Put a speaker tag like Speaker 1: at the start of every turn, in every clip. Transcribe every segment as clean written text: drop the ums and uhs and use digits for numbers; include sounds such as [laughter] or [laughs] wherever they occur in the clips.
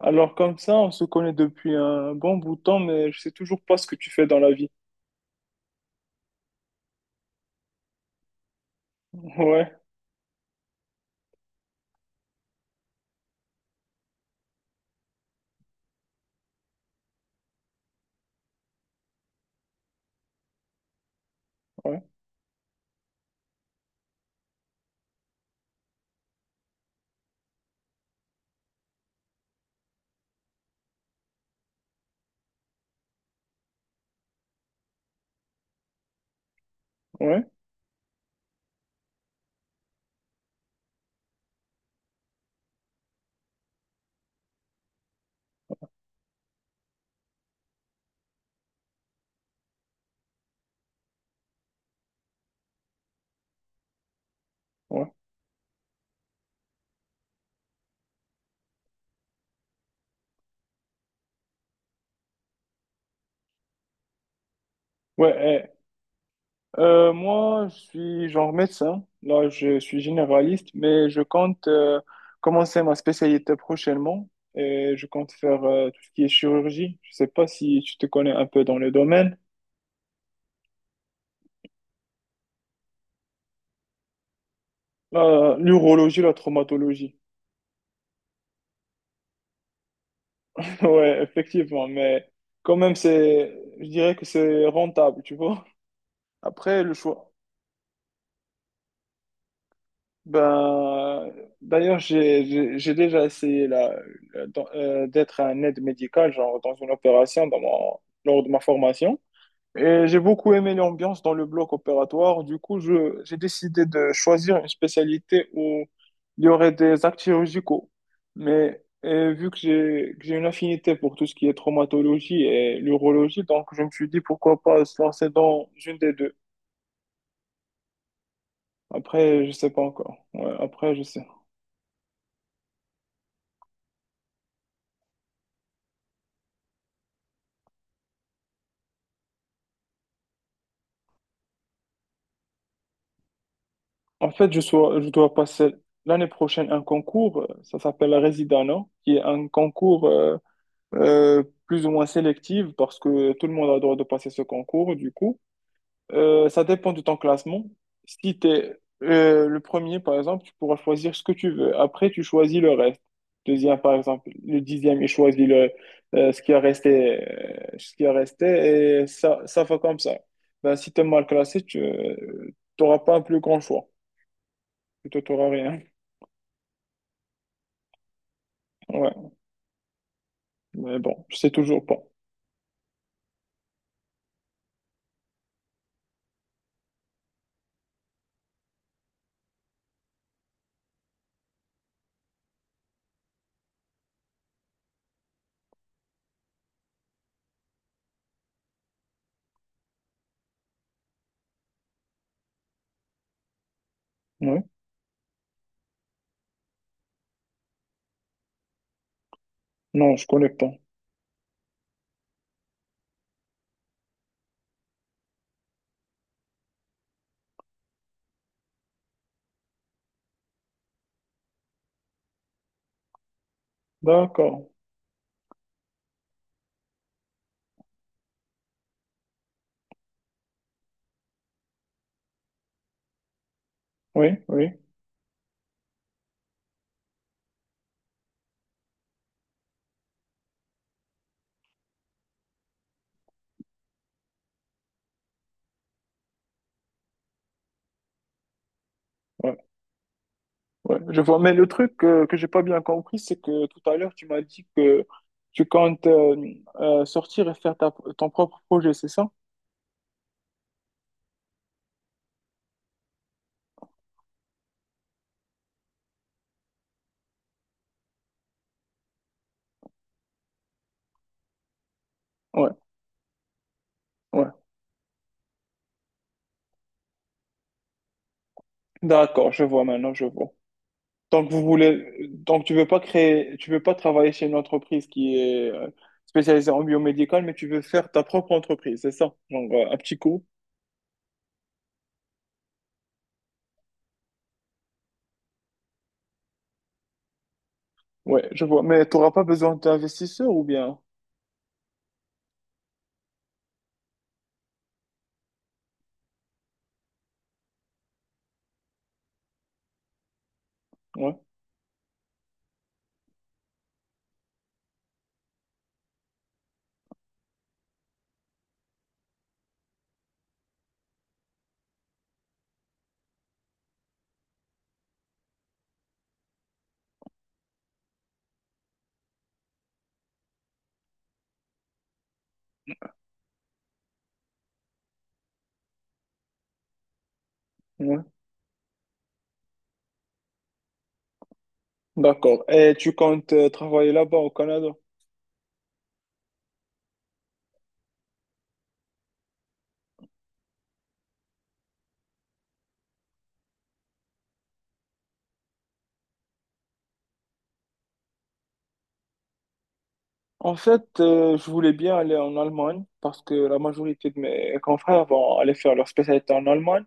Speaker 1: Alors comme ça, on se connaît depuis un bon bout de temps, mais je sais toujours pas ce que tu fais dans la vie. [laughs] Ouais, ouais, ouais, ouais. Ouais, moi, je suis genre médecin. Là, je suis généraliste, mais je compte commencer ma spécialité prochainement et je compte faire tout ce qui est chirurgie. Je sais pas si tu te connais un peu dans le domaine. La- L'urologie, la traumatologie. [laughs] Ouais, effectivement, mais quand même, c'est, je dirais que c'est rentable, tu vois. Après, le choix. Ben, d'ailleurs, j'ai déjà essayé d'être un aide médical, genre dans une opération, lors de ma formation. Et j'ai beaucoup aimé l'ambiance dans le bloc opératoire. Du coup, j'ai décidé de choisir une spécialité où il y aurait des actes chirurgicaux. Mais vu que j'ai une affinité pour tout ce qui est traumatologie et l'urologie, donc je me suis dit pourquoi pas se lancer dans une des deux. Après, je sais pas encore. Ouais, après, je sais. En fait, je dois passer l'année prochaine un concours, ça s'appelle la Residana, qui est un concours plus ou moins sélectif parce que tout le monde a le droit de passer ce concours, du coup. Ça dépend de ton classement. Si tu es le premier, par exemple, tu pourras choisir ce que tu veux. Après, tu choisis le reste. Deuxième, par exemple, le dixième, il choisit ce qui a resté, et ça va comme ça. Ben, si tu es mal classé, tu n'auras pas un plus grand choix plutôt torarien. Ouais, mais bon, je sais toujours pas. Oui. Non, je connais pas. D'accord. Oui, oui, ouais, ouais. Je vois. Mais le truc que j'ai pas bien compris, c'est que tout à l'heure, tu m'as dit que tu comptes sortir et faire ton propre projet, c'est ça? Ouais, ouais. D'accord, je vois maintenant, je vois. Donc tu veux pas créer, tu veux pas travailler chez une entreprise qui est spécialisée en biomédical, mais tu veux faire ta propre entreprise, c'est ça? Genre un petit coup. Ouais, je vois. Mais tu n'auras pas besoin d'investisseurs ou bien? Ouais, ouais. D'accord. Et tu comptes travailler là-bas au Canada? En fait, je voulais bien aller en Allemagne parce que la majorité de mes confrères vont aller faire leur spécialité en Allemagne.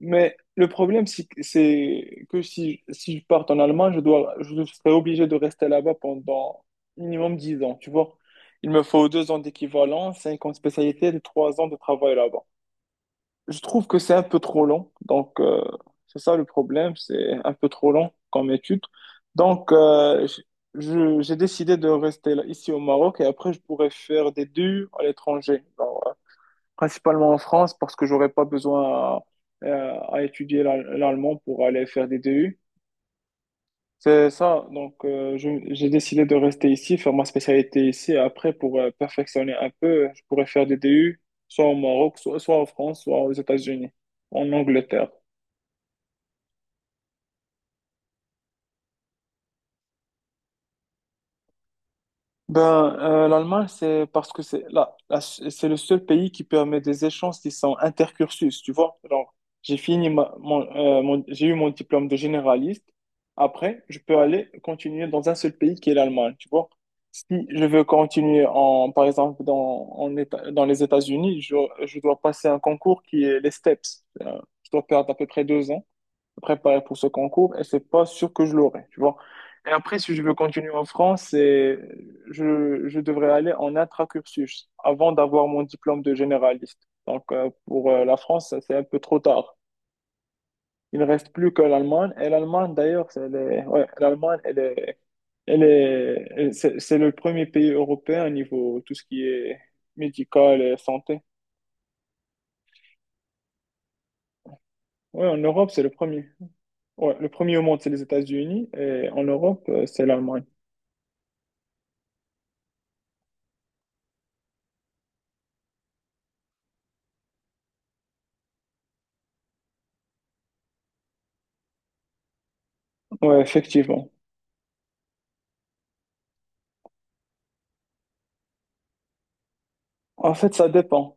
Speaker 1: Mais le problème, c'est que si, si je parte en Allemagne, je serai obligé de rester là-bas pendant minimum 10 ans, tu vois. Il me faut 2 ans d'équivalent, 5 ans de spécialité, et 3 ans de travail là-bas. Je trouve que c'est un peu trop long. Donc, c'est ça le problème, c'est un peu trop long comme étude. Donc, j'ai décidé de rester là, ici au Maroc et après, je pourrais faire des deux à l'étranger principalement en France parce que j'aurais pas besoin à étudier l'allemand pour aller faire des DU. C'est ça, donc j'ai décidé de rester ici, faire ma spécialité ici. Et après, pour perfectionner un peu, je pourrais faire des DU soit au Maroc, soit en France, soit aux États-Unis, en Angleterre. Ben, l'Allemagne, c'est parce que c'est là, c'est le seul pays qui permet des échanges qui sont intercursus, tu vois. Genre, j'ai fini ma- mon, mon- j'ai eu mon diplôme de généraliste. Après, je peux aller continuer dans un seul pays qui est l'Allemagne, tu vois. Si je veux continuer en, par exemple, dans, en Éta- dans les États-Unis, je dois passer un concours qui est les STEPS. Je dois perdre à peu près 2 ans préparer pour ce concours et c'est pas sûr que je l'aurai, tu vois. Et après, si je veux continuer en France, je devrais aller en intracursus avant d'avoir mon diplôme de généraliste. Donc, pour la France, ça, c'est un peu trop tard. Il ne reste plus que l'Allemagne. Et l'Allemagne, d'ailleurs, ouais, l'Allemagne, elle est, elle est, elle- c'est le premier pays européen au niveau tout ce qui est médical et santé. Ouais, en Europe, c'est le premier. Ouais, le premier au monde, c'est les États-Unis. Et en Europe, c'est l'Allemagne. Ouais, effectivement. En fait, ça dépend.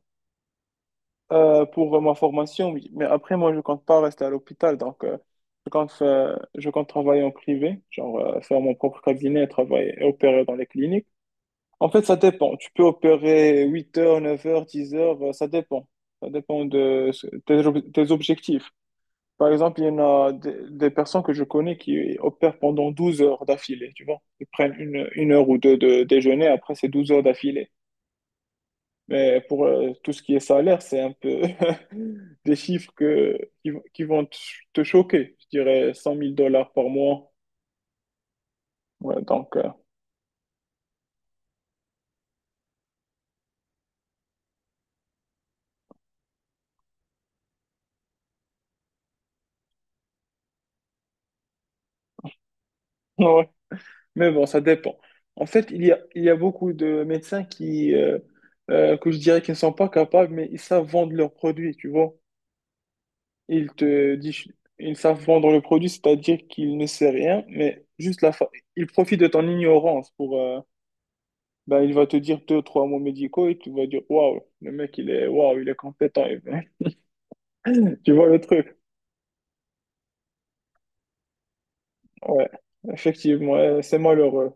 Speaker 1: Pour ma formation, oui. Mais après, moi, je compte pas rester à l'hôpital. Donc, je compte travailler en privé, genre faire mon propre cabinet, travailler et opérer dans les cliniques. En fait, ça dépend. Tu peux opérer 8 heures, 9 heures, 10 heures, ça dépend. Ça dépend de tes objectifs. Par exemple, il y en a des personnes que je connais qui opèrent pendant 12 heures d'affilée, tu vois. Ils prennent une heure ou deux de déjeuner, après c'est 12 heures d'affilée. Mais pour tout ce qui est salaire, c'est un peu [laughs] des chiffres qui vont te choquer. Je dirais 100 000 $ par mois. Ouais, donc, [laughs] ouais. Mais bon, ça dépend. En fait, il y a beaucoup de médecins que je dirais qu'ils ne sont pas capables, mais ils savent vendre leurs produits, tu vois. Ils te disent, ils savent vendre le produit, c'est-à-dire qu'ils ne sait rien, mais juste la fa... ils profitent de ton ignorance pour, ben, il va te dire deux, trois mots médicaux et tu vas dire, waouh, le mec, il est, waouh, il est compétent. Et ben, [laughs] tu vois le truc? Ouais, effectivement, ouais, c'est malheureux.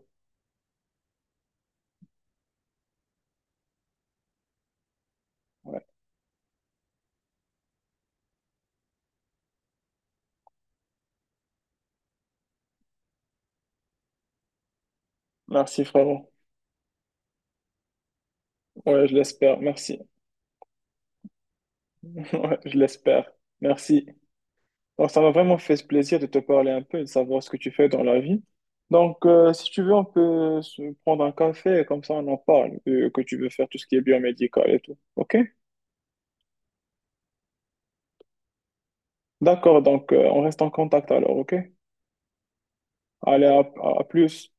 Speaker 1: Ouais. Merci, frérot. Ouais, je l'espère. Merci. [laughs] Ouais, je l'espère. Merci. Donc, ça m'a vraiment fait ce plaisir de te parler un peu et de savoir ce que tu fais dans la vie. Donc, si tu veux, on peut se prendre un café et comme ça on en parle, que tu veux faire tout ce qui est biomédical et tout. OK? D'accord, donc on reste en contact alors, OK? Allez, à plus.